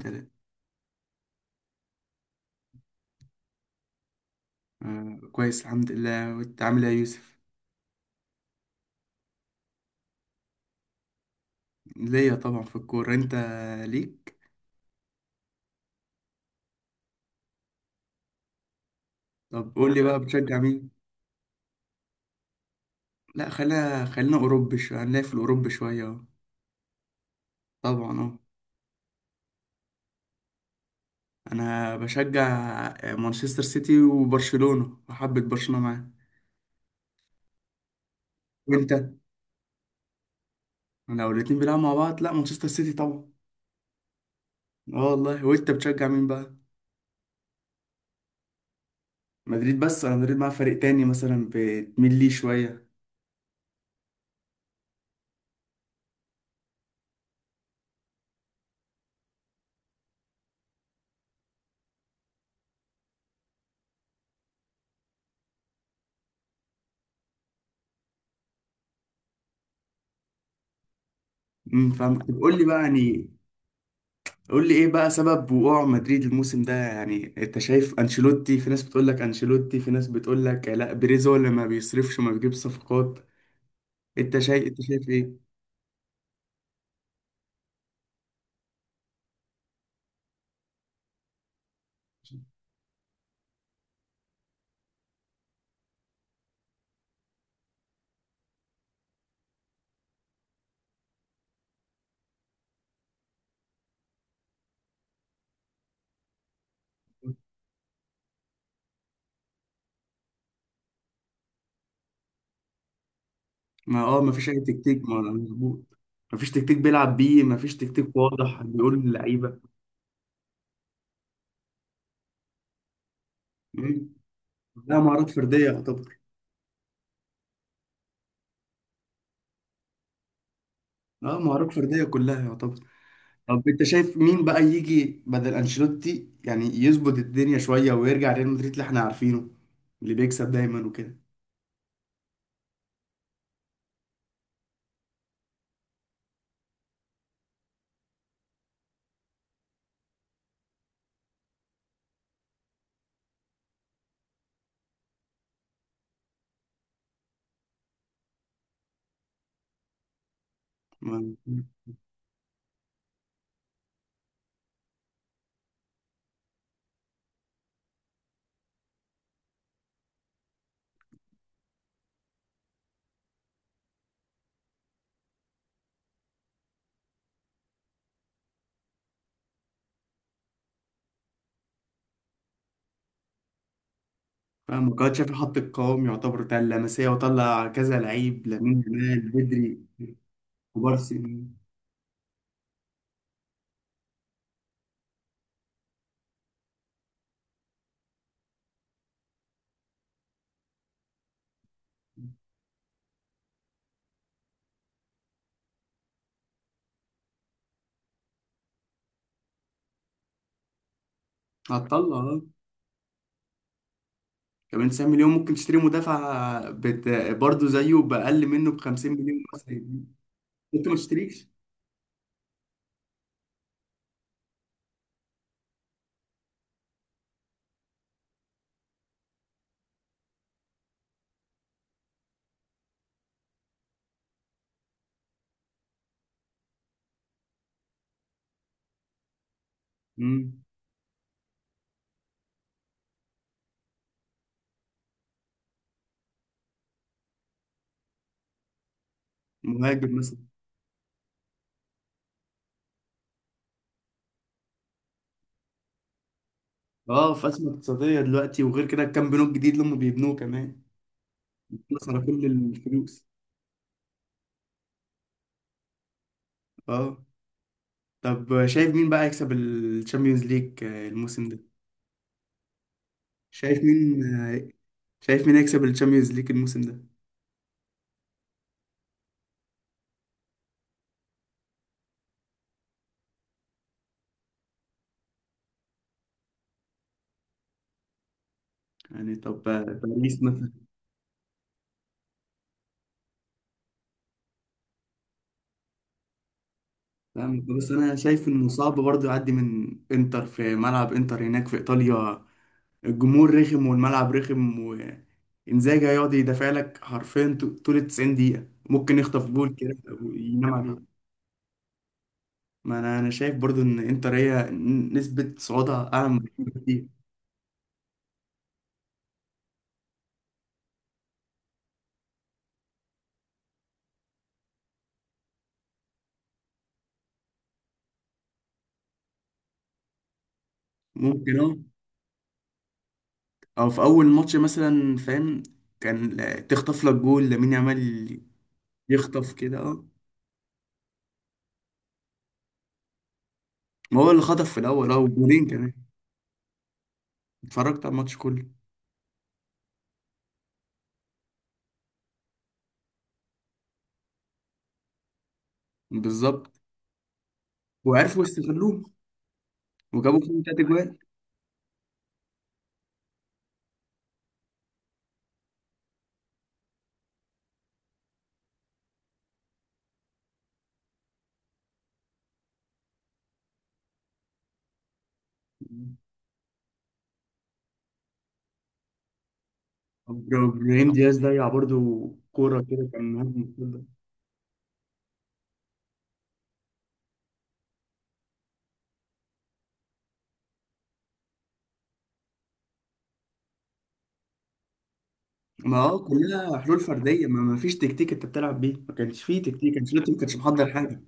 تمام. آه كويس الحمد لله، وانت عامل ايه يا يوسف؟ ليا طبعا في الكورة، انت ليك؟ طب قول لي انا بقى بتشجع مين؟ لا خلينا اوروبي شوية، هنلاقي في الاوروبي شوية اهو. طبعا اه. انا بشجع مانشستر سيتي وبرشلونة، وحبة برشلونة معاه. وانت؟ انا لو الاتنين بيلعبوا مع بعض، لا مانشستر سيتي طبعا. اه والله. وانت بتشجع مين بقى؟ مدريد؟ بس انا مدريد مع فريق تاني مثلا بتميل ليه شوية. فاهمك. طب قول لي بقى يعني، قول لي ايه بقى سبب وقوع مدريد الموسم ده؟ يعني انت شايف انشيلوتي، في ناس بتقول لك انشيلوتي، في ناس بتقول لك لا، بيريز هو اللي ما بيصرفش ما بيجيبش صفقات. انت شايف، انت شايف ايه؟ ما اه، ما فيش اي تكتيك، ما ولا مظبوط؟ ما فيش تكتيك بيلعب بيه، ما فيش تكتيك واضح بيقول للعيبه. مم. لا مهارات فرديه يعتبر. اه مهارات فرديه كلها يعتبر. طب انت شايف مين بقى يجي بدل انشيلوتي يعني يظبط الدنيا شويه ويرجع ريال مدريد اللي احنا عارفينه، اللي بيكسب دايما وكده؟ ما- فاهم. كمان شافي حط القوام يعتبر بتاع اللمسية، وطلع كذا لعيب، لامين يامال بدري. كبار سنين هتطلع اه. كمان 90 مليون ممكن تشتري مدافع برضه زيه بأقل منه ب 50 مليون مثلا. انت ما تشتريش. مم. مهاجم مثلا. اه في أزمة اقتصادية دلوقتي، وغير كده كام بنوك جديد اللي هم بيبنوه كمان. خلص على كل الفلوس. اه. طب شايف مين بقى يكسب الشامبيونز ليج الموسم ده؟ شايف مين؟ شايف مين يكسب الشامبيونز ليج الموسم ده؟ يعني طب باريس مثلا؟ فاهم، بس انا شايف انه صعب برضه يعدي من انتر في ملعب انتر هناك في ايطاليا. الجمهور رخم والملعب رخم، وانزاجي هيقعد يدافع لك حرفيا طول ال 90 دقيقة، ممكن يخطف جول كده وينام عليه. ما انا، انا شايف برضه ان انتر هي نسبة صعودها اعلى من برشلونة بكتير. ممكن اه. او في اول ماتش مثلا فاهم، كان تخطف لك جول لامين يامال، يخطف كده اه. ما هو اللي خطف في الاول اه، وجولين كمان. اتفرجت على الماتش كله. بالظبط. وعرفوا يستغلوه وجابوا فيهم تلات اجوال. ابراهيم دياز ضيع برضو كوره كده، كان مهاجم الكورة. ما اه، كلها حلول فرديه، ما فيش تكتيك انت بتلعب بيه، ما كانش فيه تكتيك، انشيلوتي ما كانش محضر حاجه.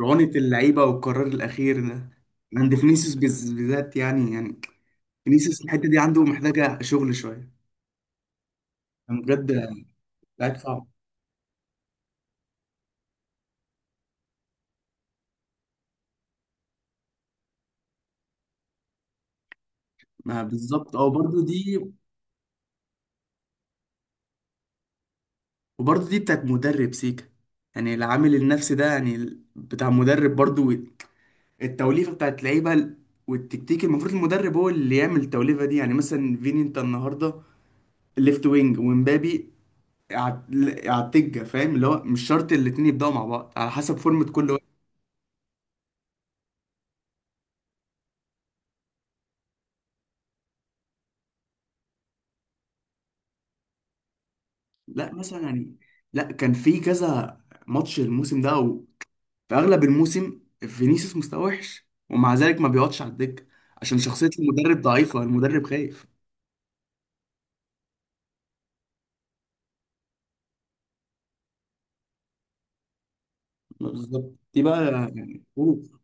رعونه اللعيبه والقرار الاخير ده عند فينيسيوس بالذات، يعني فينيسيوس الحته دي عنده محتاجه شغل شويه. كان بجد لعيب صعب. ما بالظبط اه، برضو دي. وبرضه دي بتاعت مدرب سيكا، يعني العامل النفسي ده يعني بتاع مدرب برضه. التوليفة بتاعت لعيبة والتكتيك، المفروض المدرب هو اللي يعمل التوليفة دي، يعني مثلا فيني انت النهاردة ليفت وينج، ومبابي على التجة، فاهم؟ اللي هو مش شرط الاتنين يبدأوا مع بعض، على حسب فورمة كل واحد. لا مثلا يعني، لا كان في كذا ماتش الموسم ده، او في اغلب الموسم فينيسيوس مستواه وحش، ومع ذلك ما بيقعدش على الدكة، عشان شخصية المدرب ضعيفة، المدرب خايف. ما بالظبط، دي بقى يعني أوه.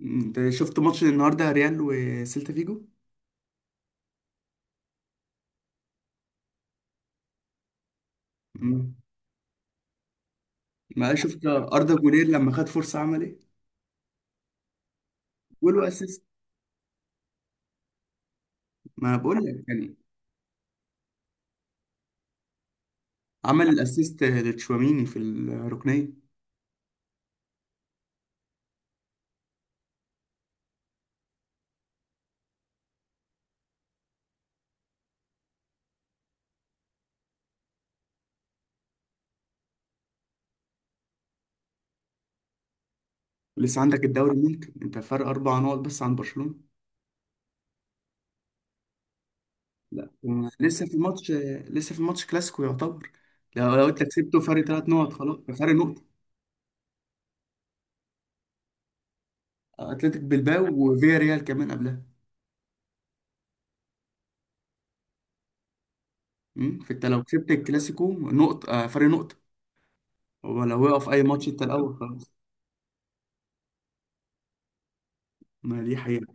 انت شفت ماتش النهارده ريال وسيلتا فيجو؟ مم. ما شفت اردا جولير لما خد فرصه عمل ايه؟ جول اسيست. ما بقول لك يعني. عمل الاسيست لتشواميني في الركنيه. ولسه عندك الدوري، ممكن انت فرق اربع نقط بس عن برشلونه. لا، لسه في الماتش، لسه في الماتش كلاسيكو يعتبر. لو، لو انت كسبته فرق ثلاث نقط، خلاص فرق نقطه. اتلتيك بلباو وفيا ريال كمان قبلها. مم. فانت لو كسبت الكلاسيكو نقطه فرق نقطه. ولو وقف اي ماتش انت الاول، خلاص. ما دي حقيقة.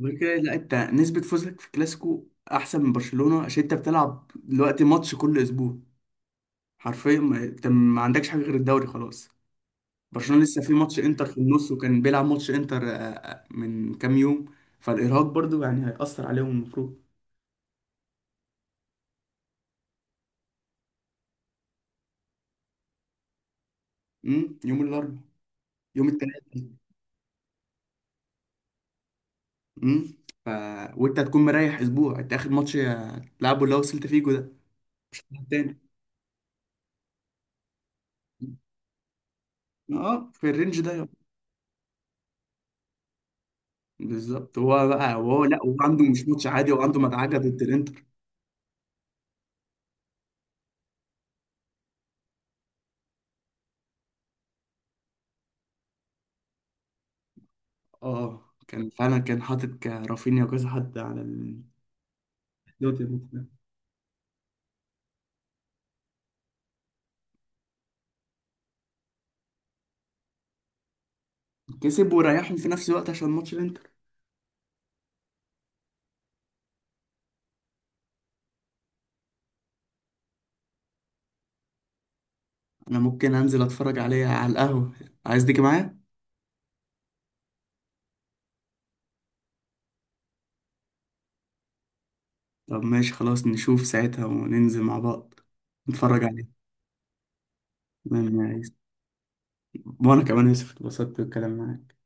غير كده لا، انت نسبة فوزك في الكلاسيكو احسن من برشلونة، عشان انت بتلعب دلوقتي ماتش كل اسبوع حرفيا. انت ما عندكش حاجة غير الدوري خلاص. برشلونة لسه في ماتش انتر في النص، وكان بيلعب ماتش انتر من كام يوم. فالارهاق برضو يعني هيأثر عليهم المفروض. يوم الاربعاء، يوم الثلاثاء. امم ف... وانت هتكون مريح اسبوع، انت اخر ماتش تلعبه اللي هو سيلتا فيجو ده. التاني اه في الرينج ده. بالظبط. هو بقى، وهو لا، وهو عنده مش ماتش عادي، هو عنده مدعكه ضد الانتر. اه كان فعلا كان حاطط رافينيا وكذا حد على دوت الماتش ده. كسب وريحهم في نفس الوقت عشان ماتش الانتر. انا ممكن انزل اتفرج عليه على القهوه، عايز تيجي معايا؟ طب ماشي خلاص، نشوف ساعتها وننزل مع بعض نتفرج عليه. تمام يا يوسف. وانا كمان يوسف اتبسطت بالكلام معاك.